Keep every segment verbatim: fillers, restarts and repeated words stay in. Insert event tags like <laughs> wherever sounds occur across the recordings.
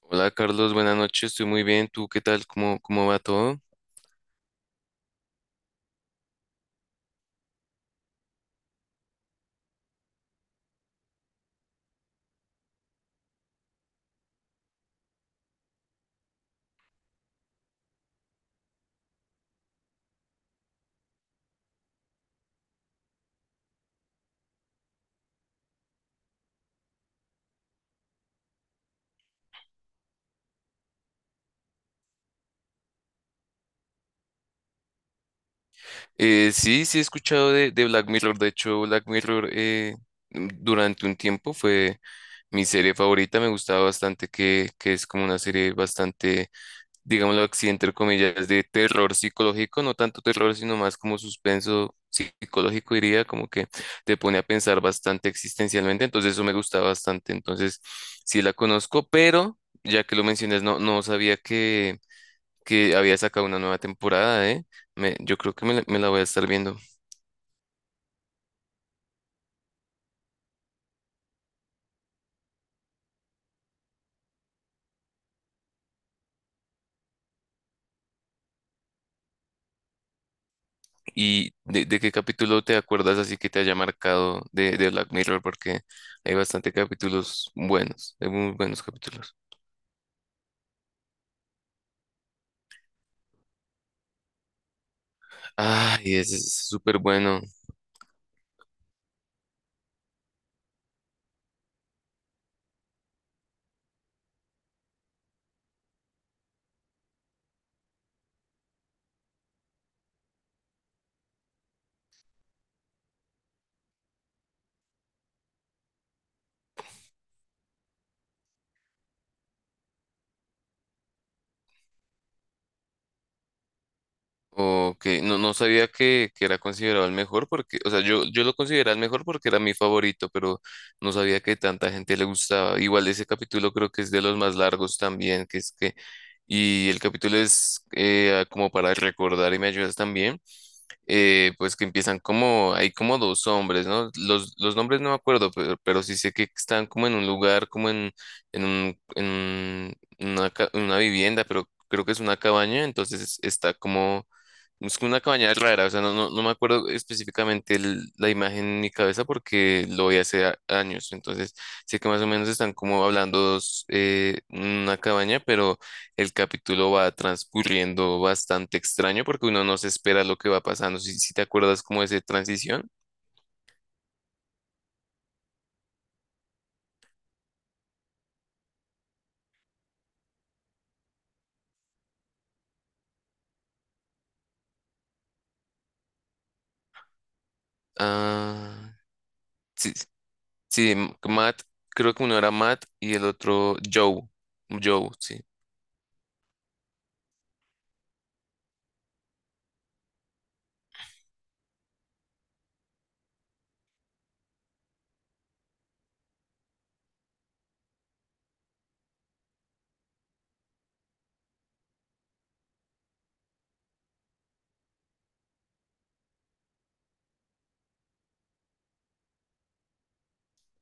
Hola Carlos, buenas noches, estoy muy bien. ¿Tú qué tal? ¿Cómo, cómo va todo? Eh, sí, sí he escuchado de, de Black Mirror. De hecho, Black Mirror eh, mm, durante un tiempo fue mi serie favorita. Me gustaba bastante que, que es como una serie bastante, digámoslo así, entre comillas, de terror psicológico. No tanto terror, sino más como suspenso psicológico, diría, como que te pone a pensar bastante existencialmente. Entonces eso me gusta bastante. Entonces sí la conozco, pero ya que lo mencionas, no, no sabía que que había sacado una nueva temporada, ¿eh? Me- yo creo que me la, me la voy a estar viendo. ¿Y de, de qué capítulo te acuerdas así que te haya marcado de, de Black Mirror? Porque hay bastante capítulos buenos, hay muy buenos capítulos. Ay, ese es súper bueno. Ok, no, no sabía que, que era considerado el mejor porque, o sea, yo, yo lo consideraba el mejor porque era mi favorito, pero no sabía que tanta gente le gustaba. Igual ese capítulo creo que es de los más largos también, que es que, y el capítulo es eh, como para recordar y me ayudas también, eh, pues que empiezan como, hay como dos hombres, ¿no? Los, los nombres no me acuerdo, pero, pero sí sé que están como en un lugar, como en, en un, en una, ca- una vivienda, pero creo que es una cabaña, entonces está como es como una cabaña rara, o sea, no, no, no me acuerdo específicamente el- la imagen en mi cabeza porque lo vi hace a- años, entonces sé que más o menos están como hablando dos, eh, una cabaña, pero el capítulo va transcurriendo bastante extraño porque uno no se espera lo que va pasando, si, si te acuerdas como de esa transición. Ah, sí, sí, M- Matt, creo que uno era Matt y el otro Joe, Joe, sí.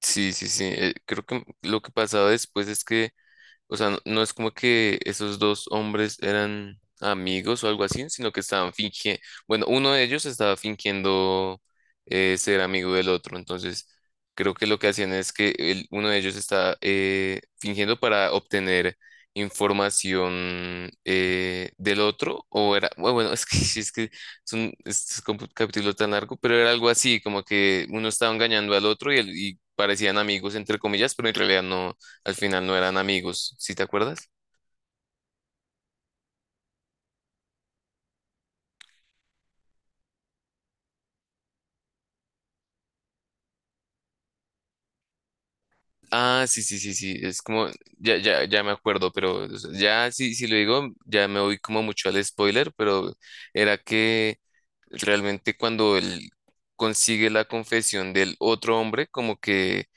Sí, sí, sí, eh, Creo que lo que pasaba después es que... O sea, no, no es como que esos dos hombres eran amigos o algo así, sino que estaban fingiendo, bueno, uno de ellos estaba fingiendo eh, ser amigo del otro, entonces creo que lo que hacían es que el- uno de ellos estaba eh, fingiendo para obtener información eh, del otro, o era, bu- bueno, es que, <laughs> es que es un, es como un capítulo tan largo, pero era algo así, como que uno estaba engañando al otro y, el- y parecían amigos, entre comillas, pero en realidad no al final no eran amigos, ¿sí te acuerdas? Ah, sí, sí, sí, sí, es como, ya, ya, ya me acuerdo, pero o sea, ya, si, si lo digo, ya me voy como mucho al spoiler, pero era que realmente cuando él consigue la confesión del otro hombre, como que,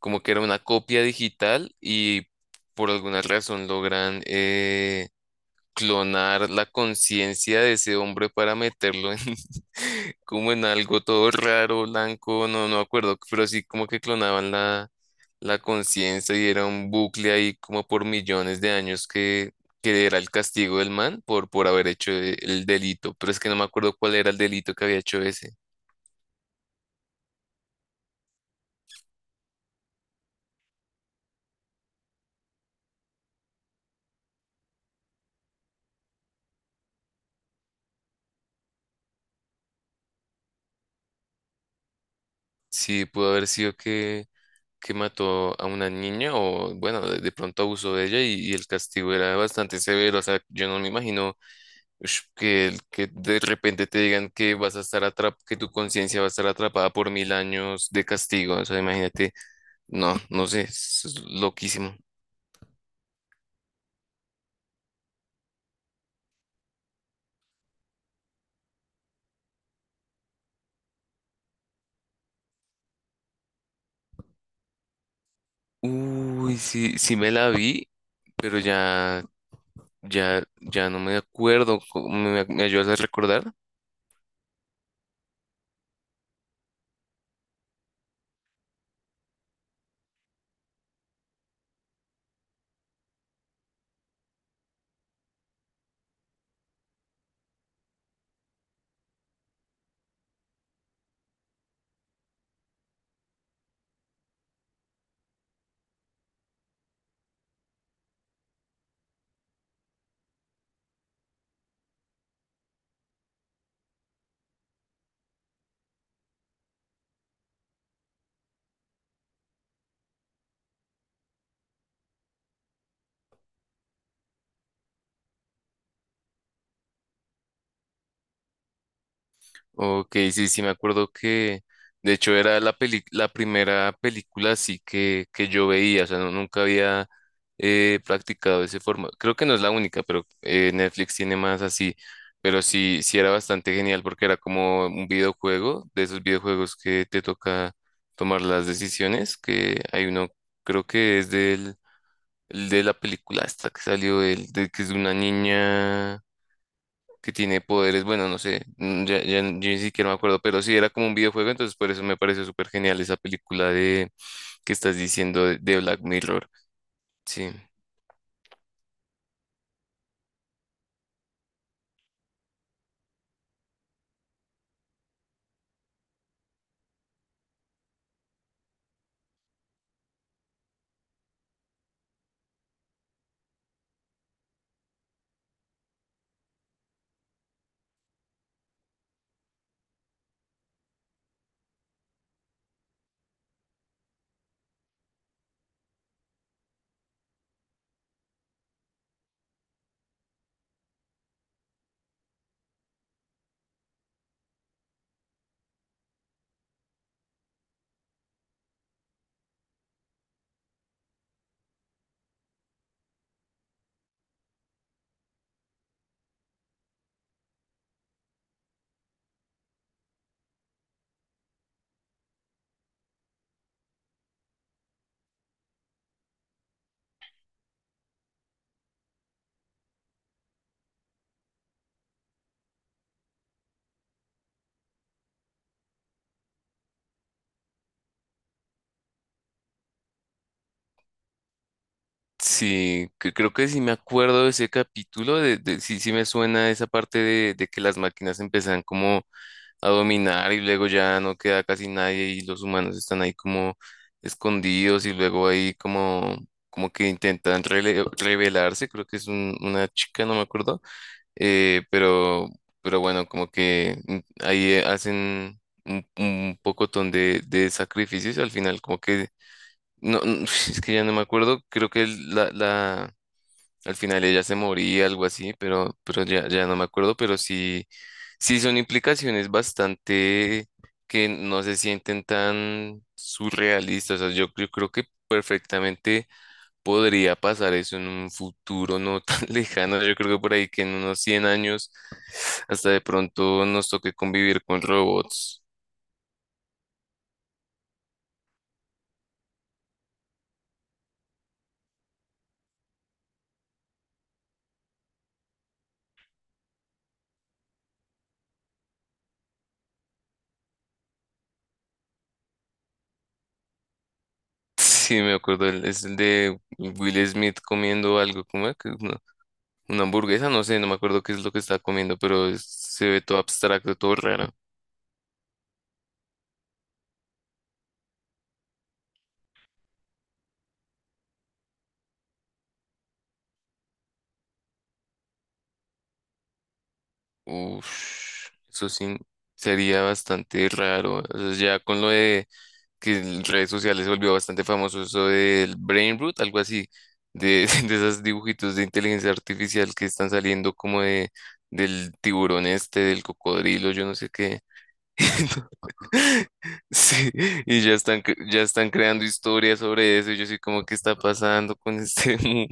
como que era una copia digital y por alguna razón logran eh, clonar la conciencia de ese hombre para meterlo en <laughs> como en algo todo raro, blanco, no, no me acuerdo, pero sí como que clonaban la, la conciencia y era un bucle ahí como por millones de años que, que era el castigo del man por, por haber hecho e- el delito, pero es que no me acuerdo cuál era el delito que había hecho ese. Sí, pudo haber sido que, que mató a una niña o bueno, de, de pronto abusó de ella y, y el castigo era bastante severo, o sea, yo no me imagino Ush, que, el- que de repente te digan que vas a estar atrap que tu conciencia va a estar atrapada por mil años de castigo. O sea, imagínate, no, no sé, es loquísimo. Uy, sí, sí me la vi, pero ya, ya, ya no me acuerdo. Co- ¿Me, me ayudas a recordar? Ok, sí, sí, me acuerdo que de hecho era la peli- la primera película así que, que yo veía, o sea, no- nunca había eh, practicado ese formato. Creo que no es la única, pero eh, Netflix tiene más así, pero sí, sí era bastante genial porque era como un videojuego, de esos videojuegos que te toca tomar las decisiones, que hay uno, creo que es del, el de la película esta que salió, el de, que es de una niña que tiene poderes, bueno, no sé, mm, ya, ya n- yo ni siquiera me acuerdo, pero sí era como un videojuego, entonces por eso me pareció súper genial esa película de que estás diciendo de, de Black Mirror. Sí, sí, cre- Creo que sí me acuerdo de ese capítulo, de, de- sí, sí me suena esa parte de, de que las máquinas empiezan como a dominar y luego ya no queda casi nadie y los humanos están ahí como escondidos y luego ahí como... como que intentan rele- rebelarse, creo que es un- una chica, no me acuerdo. Eh, pero, pero bueno, como que mm, ahí eh, hacen un, un pocotón de, de sacrificios al final, como que, no, no, <laughs> es que ya no me acuerdo, creo que el- la, la, al final ella se moría, algo así, pero, pero ya, ya no me acuerdo, pero sí, sí son implicaciones bastante que no se sienten tan surrealistas, o sea, yo, yo creo que perfectamente podría pasar eso en un futuro no tan <laughs> lejano. Yo creo que por ahí que en unos cien años hasta de pronto nos toque convivir con robots. <laughs> Sí, me acuerdo, el- es el de Will Smith comiendo algo, como una, una hamburguesa, no sé, no me acuerdo qué es lo que está comiendo, pero es- se ve todo abstracto, todo raro. Uf, eso sí sería bastante raro. O sea, ya con lo de que en redes sociales se volvió bastante famoso eso del Brain Root, algo así, de, <laughs> de esos dibujitos de inteligencia artificial que están saliendo como de, del tiburón este, del cocodrilo, yo no sé qué. <laughs> Sí, y ya están, cre- ya están creando historias sobre eso, y yo sí como, ¿qué está pasando con este <laughs> mundo?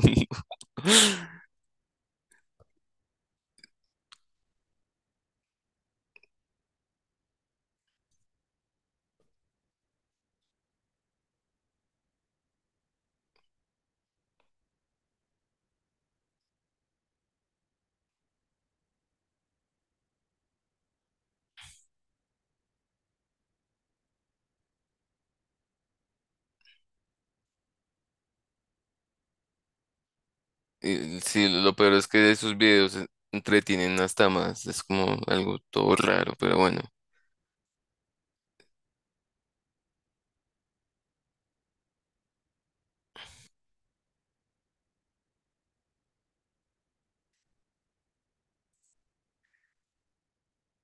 Y sí, lo peor es que de esos videos eh, entretienen hasta más, es como algo todo raro, pero bueno.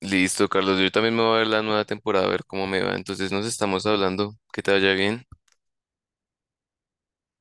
Listo, Carlos. Yo también me voy a ver la nueva temporada, a ver cómo me va. Entonces nos estamos hablando. Que te vaya bien.